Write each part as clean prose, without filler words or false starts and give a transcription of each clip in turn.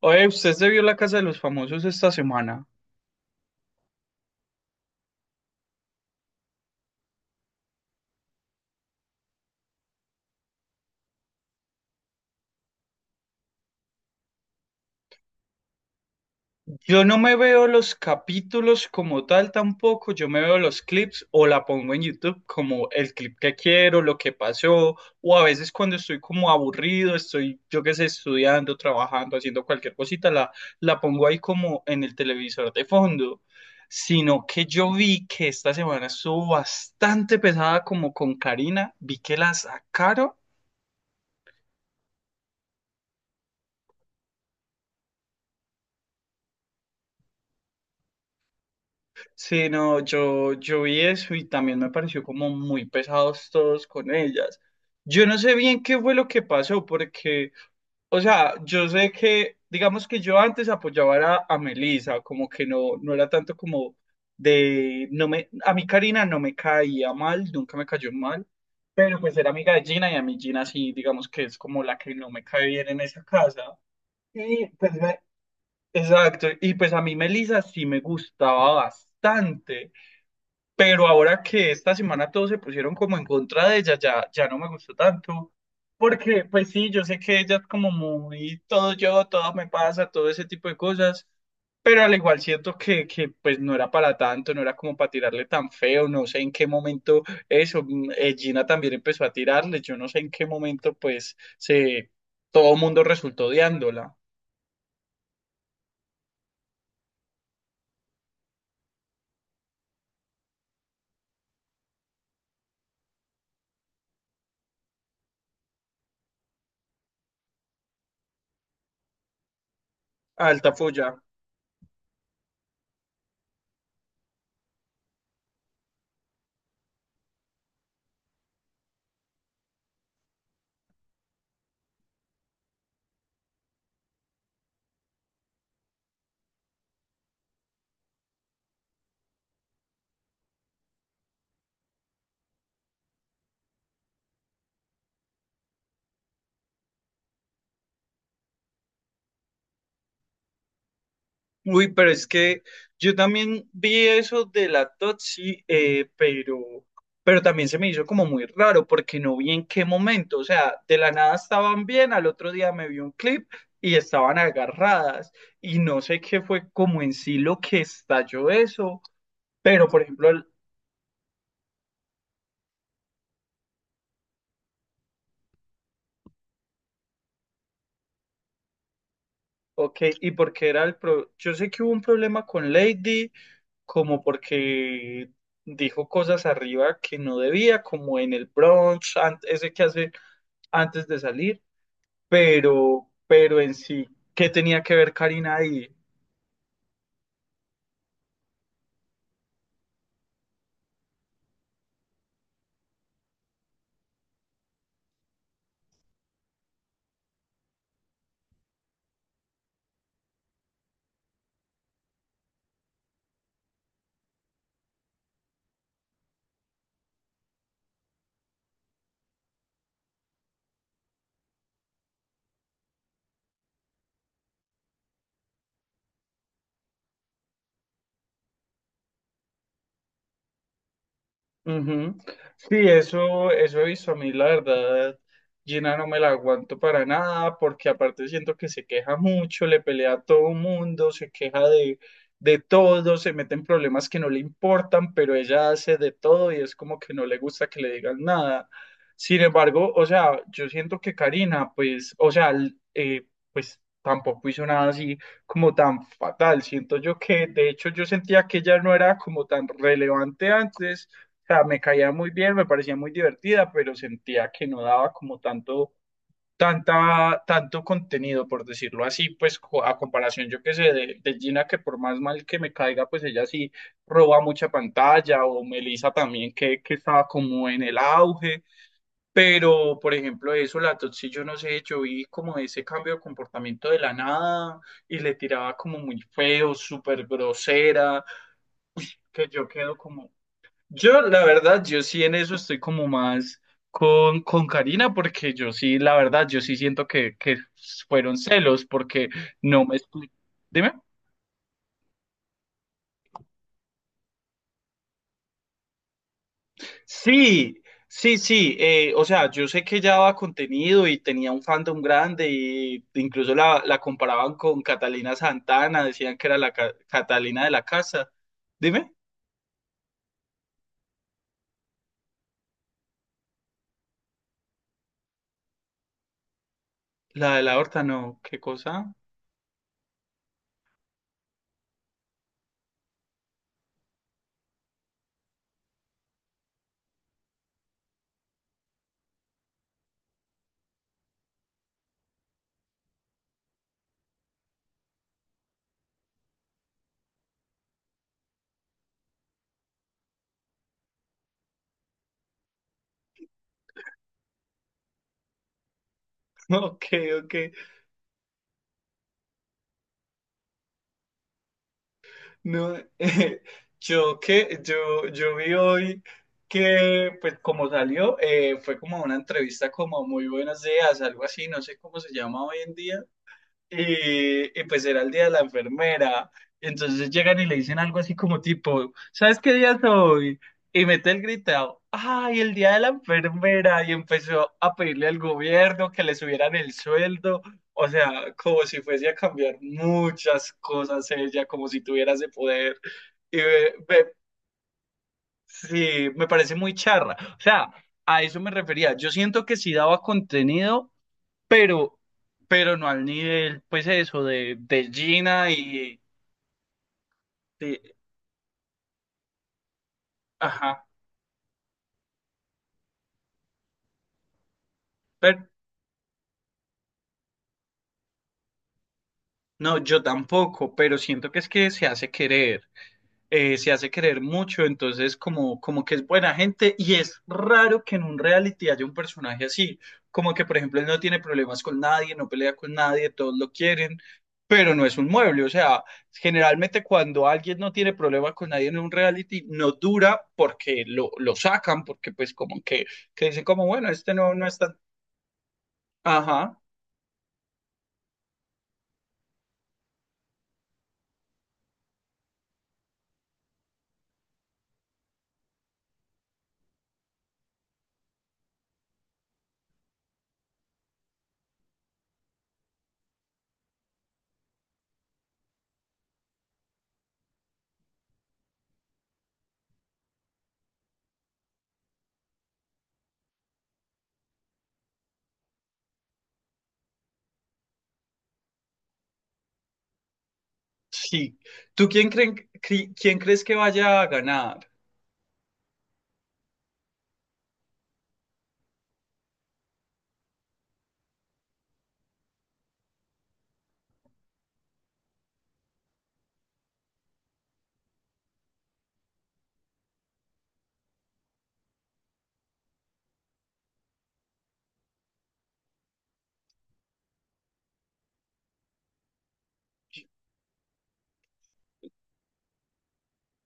Oye, usted se vio La Casa de los Famosos esta semana. Yo no me veo los capítulos como tal tampoco, yo me veo los clips o la pongo en YouTube como el clip que quiero, lo que pasó, o a veces cuando estoy como aburrido, estoy, yo qué sé, estudiando, trabajando, haciendo cualquier cosita, la pongo ahí como en el televisor de fondo. Sino que yo vi que esta semana estuvo bastante pesada como con Karina, vi que la sacaron. Sí, no, yo vi eso y también me pareció como muy pesados todos con ellas. Yo no sé bien qué fue lo que pasó, porque, o sea, yo sé que, digamos que yo antes apoyaba a Melissa, como que no, no era tanto como de, no me, a mí Karina no me caía mal, nunca me cayó mal, pero pues era amiga de Gina y a mí Gina sí, digamos que es como la que no me cae bien en esa casa. Y pues, exacto, y pues a mí Melissa sí me gustaba bastante. Pero ahora que esta semana todos se pusieron como en contra de ella, ya, ya no me gustó tanto. Porque, pues sí, yo sé que ella es como muy todo yo, todo me pasa, todo ese tipo de cosas. Pero al igual siento que pues no era para tanto, no era como para tirarle tan feo, no sé en qué momento eso, Gina también empezó a tirarle, yo no sé en qué momento pues se, todo el mundo resultó odiándola. Alta folla. Uy, pero es que yo también vi eso de la Totsi, pero también se me hizo como muy raro porque no vi en qué momento, o sea, de la nada estaban bien, al otro día me vi un clip y estaban agarradas y no sé qué fue como en sí lo que estalló eso, pero por ejemplo, ok, y porque era el pro, yo sé que hubo un problema con Lady, como porque dijo cosas arriba que no debía, como en el brunch, ese que hace antes de salir, pero en sí, ¿qué tenía que ver Karina ahí? Ujú. Sí, eso he visto a mí, la verdad. Gina no me la aguanto para nada, porque aparte siento que se queja mucho, le pelea a todo mundo, se queja de todo, se mete en problemas que no le importan, pero ella hace de todo y es como que no le gusta que le digan nada. Sin embargo, o sea, yo siento que Karina, pues, o sea, pues tampoco hizo nada así como tan fatal. Siento yo que, de hecho, yo sentía que ella no era como tan relevante antes sea, me caía muy bien, me parecía muy divertida, pero sentía que no daba como tanto, tanta, tanto contenido, por decirlo así, pues a comparación, yo qué sé, de Gina, que por más mal que me caiga, pues ella sí roba mucha pantalla, o Melissa también, que estaba como en el auge, pero por ejemplo, eso, la Totsi, yo no sé, yo vi como ese cambio de comportamiento de la nada, y le tiraba como muy feo, súper grosera, que yo quedo como, yo, la verdad, yo sí en eso estoy como más con Karina, porque yo sí, la verdad, yo sí siento que fueron celos, porque no me expli- Dime. Sí, sí. O sea, yo sé que ella daba contenido y tenía un fandom grande, y incluso la, la comparaban con Catalina Santana, decían que era la Catalina de la casa. Dime, la de la horta, no, qué cosa. Ok, ok. No, yo que yo vi hoy que pues como salió fue como una entrevista como muy buenos días, algo así, no sé cómo se llama hoy en día, y pues era el día de la enfermera. Entonces llegan y le dicen algo así como tipo, ¿sabes qué día es hoy? Y mete el gritado, ¡ay, el día de la enfermera! Y empezó a pedirle al gobierno que le subieran el sueldo. O sea, como si fuese a cambiar muchas cosas ella, como si tuviera ese poder. Y me- sí, me parece muy charra. O sea, a eso me refería. Yo siento que si daba contenido pero, pero no al nivel, pues eso, de Gina y de, ajá, pero, no, yo tampoco, pero siento que es que se hace querer. Se hace querer mucho, entonces como, como que es buena gente y es raro que en un reality haya un personaje así, como que por ejemplo él no tiene problemas con nadie, no pelea con nadie, todos lo quieren, pero no es un mueble, o sea, generalmente cuando alguien no tiene problemas con nadie en un reality, no dura porque lo sacan, porque pues como que dicen como, bueno, este no, no es tan... Ajá, sí. ¿Tú quién, creen, quién crees que vaya a ganar?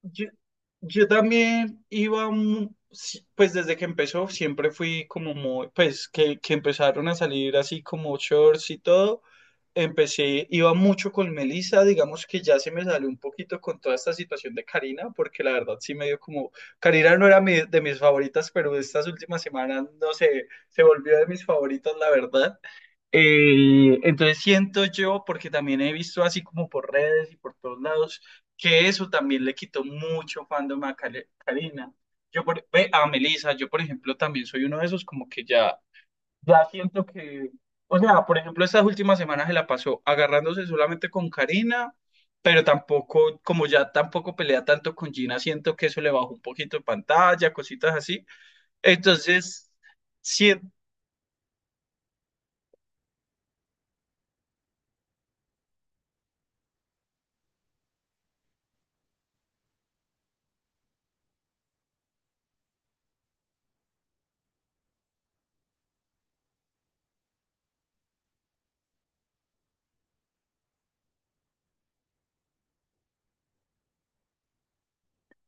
Yo, yo también iba, pues desde que empezó, siempre fui como muy, pues que empezaron a salir así como shorts y todo, empecé, iba mucho con Melissa, digamos que ya se me salió un poquito con toda esta situación de Karina, porque la verdad sí me dio como, Karina no era de mis favoritas, pero estas últimas semanas, no sé, se volvió de mis favoritas, la verdad. Entonces siento yo, porque también he visto así como por redes y por todos lados, que eso también le quitó mucho fandom a Karina. Yo por, ve, a Melissa, yo por ejemplo también soy uno de esos como que ya, ya siento que, o sea, por ejemplo estas últimas semanas se la pasó agarrándose solamente con Karina, pero tampoco, como ya tampoco pelea tanto con Gina, siento que eso le bajó un poquito de pantalla, cositas así. Entonces...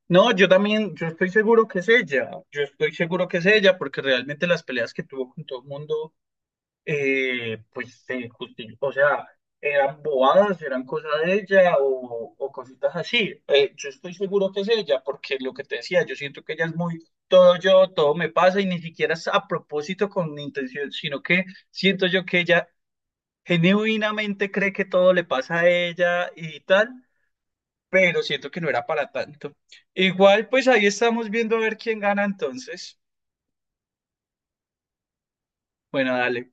No, yo también, yo estoy seguro que es ella, yo estoy seguro que es ella, porque realmente las peleas que tuvo con todo el mundo, pues o sea, eran bobadas, eran cosas de ella o cositas así. Yo estoy seguro que es ella, porque lo que te decía, yo siento que ella es muy todo yo, todo me pasa y ni siquiera es a propósito con intención, sino que siento yo que ella genuinamente cree que todo le pasa a ella y tal pero siento que no era para tanto. Igual, pues ahí estamos viendo a ver quién gana entonces. Bueno, dale.